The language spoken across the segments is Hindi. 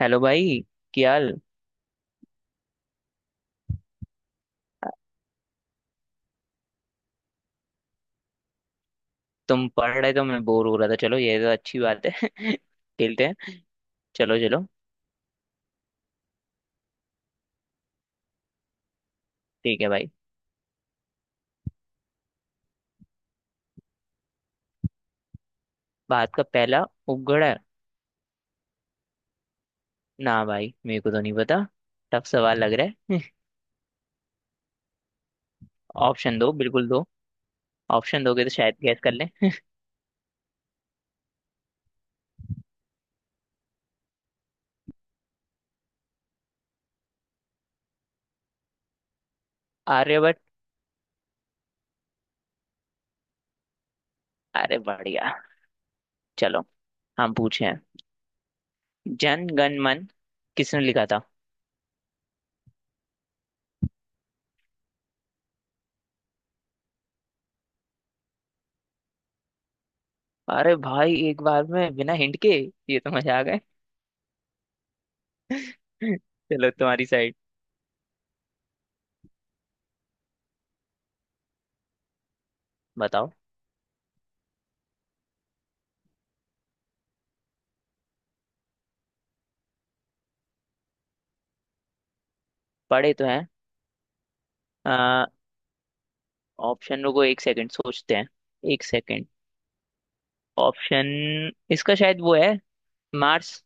हेलो भाई। क्या हाल। तुम पढ़ रहे तो मैं बोर हो रहा था, चलो ये तो अच्छी बात है। खेलते हैं। चलो चलो। ठीक है भाई। भारत का पहला उपग्रह। ना भाई, मेरे को तो नहीं पता। टफ सवाल लग रहा है। ऑप्शन दो, बिल्कुल दो। ऑप्शन दोगे तो शायद गैस कर लें। आर्यभट्ट। अरे बढ़िया। चलो। हम पूछे हैं। जन गण मन किसने लिखा था। अरे भाई, एक बार में बिना हिंट के। ये तो मजा आ गए। चलो तुम्हारी साइड। बताओ। पढ़े तो। हैं। ऑप्शन रुको, एक सेकंड सोचते हैं। एक सेकंड। ऑप्शन, इसका शायद वो है। मार्स।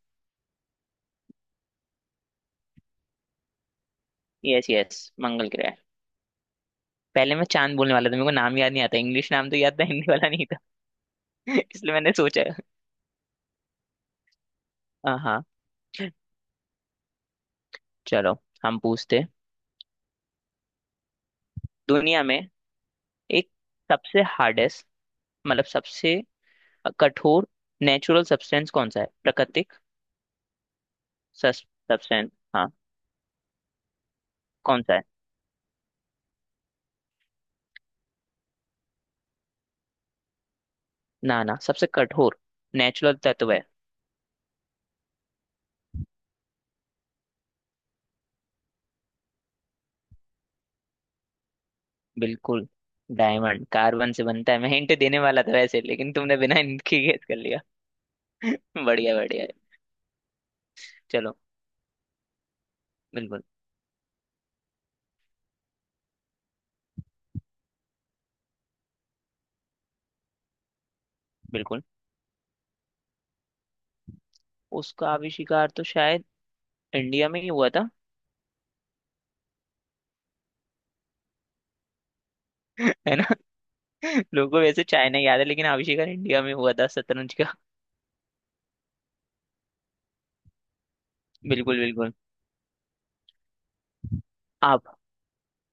यस यस, मंगल ग्रह। पहले मैं चांद बोलने वाला था, मेरे को नाम याद नहीं आता। इंग्लिश नाम तो याद था, हिंदी वाला नहीं था। इसलिए मैंने सोचा। हाँ हाँ। चलो। हम पूछते हैं। दुनिया में एक सबसे हार्डेस्ट, मतलब सबसे कठोर नेचुरल सब्सटेंस कौन सा है, प्राकृतिक सब्सटेंस। हाँ। कौन सा है। ना ना, सबसे कठोर नेचुरल तत्व है। बिल्कुल। डायमंड कार्बन से बनता है। मैं हिंट देने वाला था वैसे, लेकिन तुमने बिना हिंट के गेस कर लिया। बढ़िया बढ़िया। चलो। बिल्कुल बिल्कुल। उसका आविष्कार तो शायद इंडिया में ही हुआ था। है ना। लोगों को वैसे चाइना याद है, लेकिन आविष्कार इंडिया में हुआ था शतरंज का। बिल्कुल बिल्कुल। आप।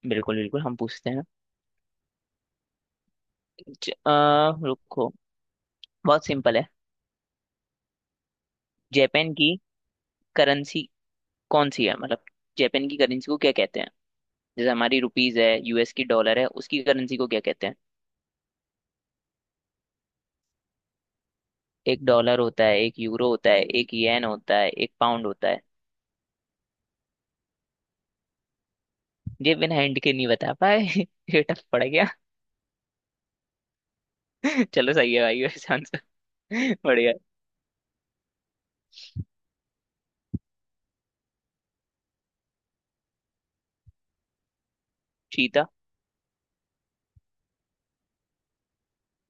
बिल्कुल बिल्कुल, हम पूछते हैं। रुको। बहुत सिंपल है। जापान की करेंसी कौन सी है, मतलब जापान की करेंसी को क्या कहते हैं। जैसे हमारी रुपीज है, यूएस की डॉलर है, उसकी करेंसी को क्या कहते हैं। एक डॉलर होता है, एक यूरो होता है, एक येन होता है, एक पाउंड होता है। ये बिना हिंट के नहीं बता पाए। ये टफ पड़ गया। चलो सही है भाई वैसे आंसर। बढ़िया। चीता।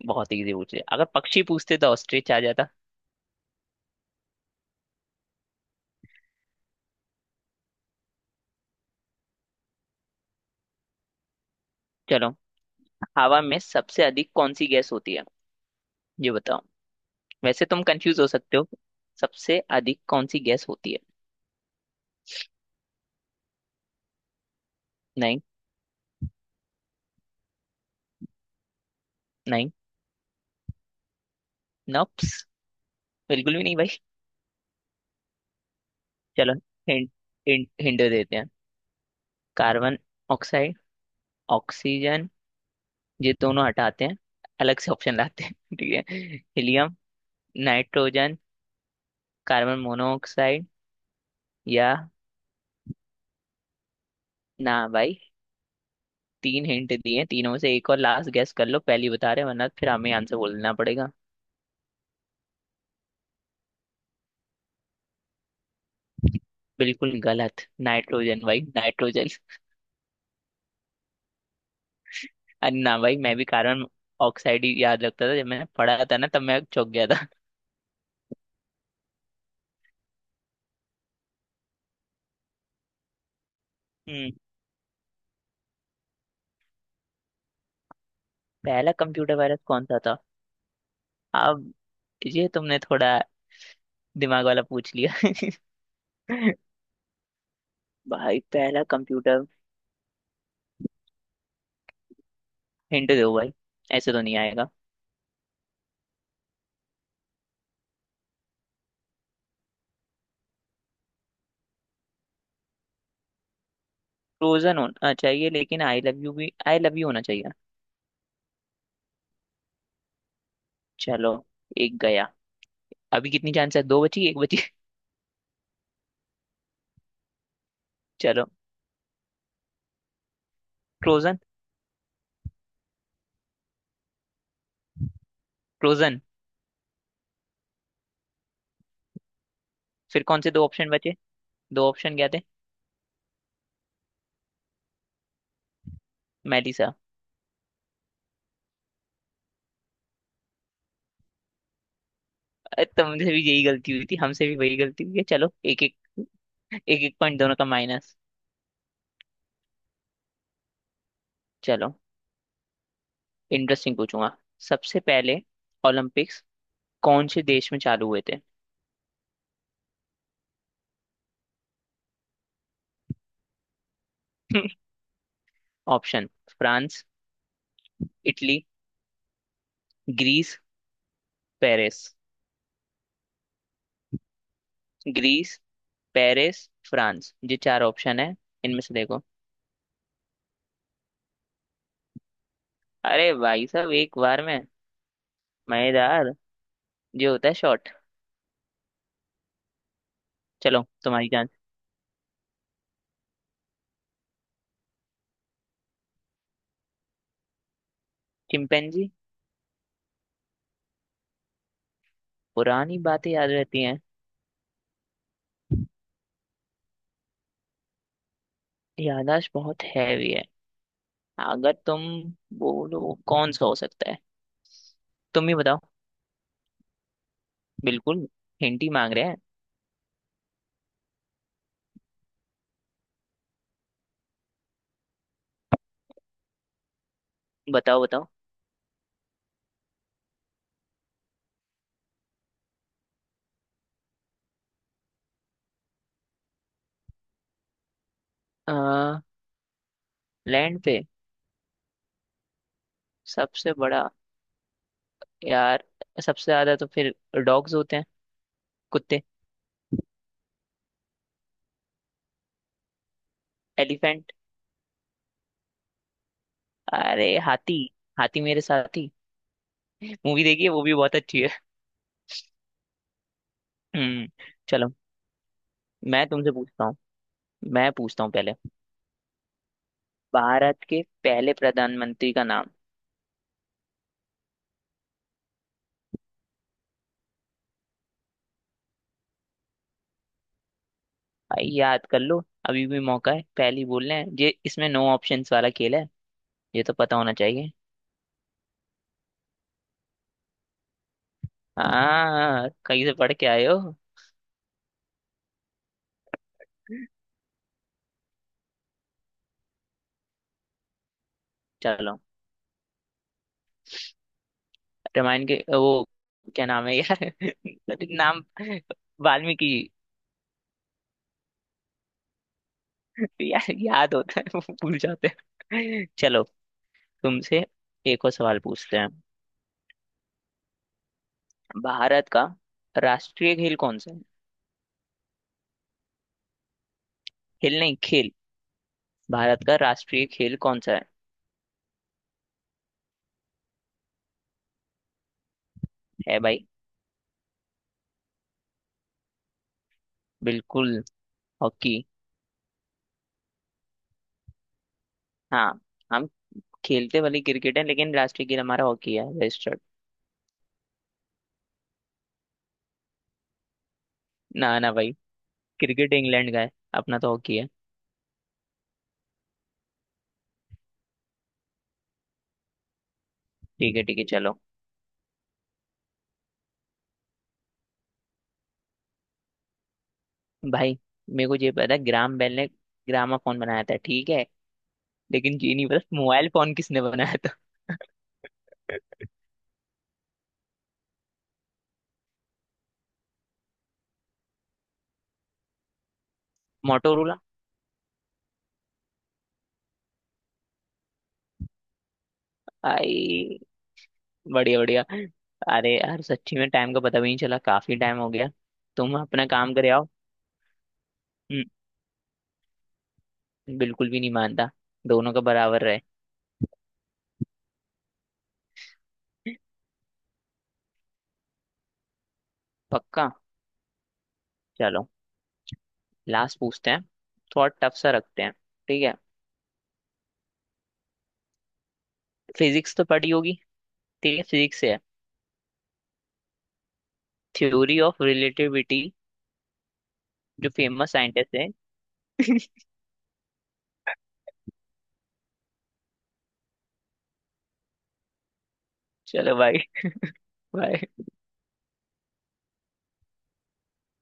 बहुत इजी पूछ लिया, अगर पक्षी पूछते तो ऑस्ट्रिच आ जाता। चलो। हवा में सबसे अधिक कौन सी गैस होती है ये बताओ, वैसे तुम कंफ्यूज हो सकते हो। सबसे अधिक कौन सी गैस होती है। नहीं। नहीं। नॉप्स। बिल्कुल भी नहीं भाई। चलो। हिंट। हिंट देते हैं। कार्बन। ऑक्साइड। ऑक्सीजन। ये दोनों हटाते हैं। अलग से ऑप्शन लाते हैं। ठीक है। हीलियम। नाइट्रोजन। Carbon monoxide. या। ना भाई। तीन हिंट दिए, तीनों में से एक और लास्ट गैस कर लो, पहली बता रहे हैं, वरना फिर हमें आंसर बोलना पड़ेगा। बिल्कुल गलत। नाइट्रोजन भाई, नाइट्रोजन। अरे ना भाई, मैं भी कार्बन ऑक्साइड ही याद रखता था। जब मैंने पढ़ा था ना, तब मैं चौंक गया था। हम्म पहला कंप्यूटर वायरस कौन सा था। अब ये तुमने थोड़ा दिमाग वाला पूछ लिया। भाई पहला कंप्यूटर। हिंट दो भाई, ऐसे तो नहीं आएगा। फ्रोजन होना चाहिए, लेकिन आई लव यू भी आई लव यू होना चाहिए। चलो। एक गया। अभी कितनी चांस है, दो बची एक बची। चलो। फ्रोजन। फ्रोजन। फिर कौन से दो ऑप्शन बचे, दो ऑप्शन क्या थे। मेलिसा। अरे तुमसे भी यही गलती हुई थी, हमसे भी वही गलती हुई है। चलो एक एक। एक एक पॉइंट दोनों का माइनस। चलो। इंटरेस्टिंग पूछूंगा। सबसे पहले ओलंपिक्स कौन से देश में चालू हुए थे। Option, France. Italy. Greece. Paris. Greece Paris France, ये चार ऑप्शन है, इनमें से देखो। अरे भाई साहब, एक बार में। मजेदार जो होता है शॉर्ट। चलो तुम्हारी जान। चिंपैंजी। पुरानी बातें याद रहती हैं। याददाश्त बहुत हैवी है, अगर तुम बोलो कौन सा हो सकता है, तुम ही बताओ। बिल्कुल। हिंट ही मांग रहे हैं। बताओ बताओ। आ, लैंड पे। सबसे बड़ा। यार सबसे ज्यादा तो फिर डॉग्स होते हैं, कुत्ते। एलिफेंट। अरे हाथी। हाथी मेरे साथी मूवी देखी है, वो भी बहुत अच्छी है। हम्म चलो। मैं तुमसे पूछता हूँ। मैं पूछता हूँ पहले। भारत के पहले प्रधानमंत्री का नाम। भाई याद कर लो, अभी भी मौका है। पहले ही बोलना है ये, इसमें नो ऑप्शंस वाला खेल है। ये तो पता होना चाहिए। हाँ, कहीं से पढ़ के आए हो। चलो। रामायण के वो क्या नाम है यार। नाम। वाल्मीकि। यार, याद होता है वो, भूल जाते हैं। चलो। तुमसे एक और सवाल पूछते हैं। भारत का राष्ट्रीय खेल कौन सा है। खेल नहीं, खेल। भारत का राष्ट्रीय खेल कौन सा है। है भाई। बिल्कुल। हॉकी। हाँ। हम खेलते भले क्रिकेट है, लेकिन राष्ट्रीय खेल हमारा हॉकी है, रजिस्टर्ड। ना ना भाई, क्रिकेट इंग्लैंड का है, अपना तो हॉकी है। ठीक है ठीक है, चलो। भाई मेरे को ये पता है, ग्राम बेल ने ग्रामाफोन बनाया था ठीक है, लेकिन ये नहीं पता मोबाइल फोन किसने बनाया था। मोटोरोला। आई। बढ़िया बढ़िया। अरे यार, सच्ची में टाइम का पता भी नहीं चला, काफी टाइम हो गया। तुम अपना काम करे आओ। हम्म, बिल्कुल भी नहीं मानता। दोनों का बराबर रहे। पक्का। चलो। लास्ट पूछते हैं, थोड़ा टफ सा रखते हैं ठीक है। फिजिक्स तो पढ़ी होगी। ठीक है, फिजिक्स है। Theory of relativity. जो फेमस साइंटिस्ट है। चलो भाई, बाय।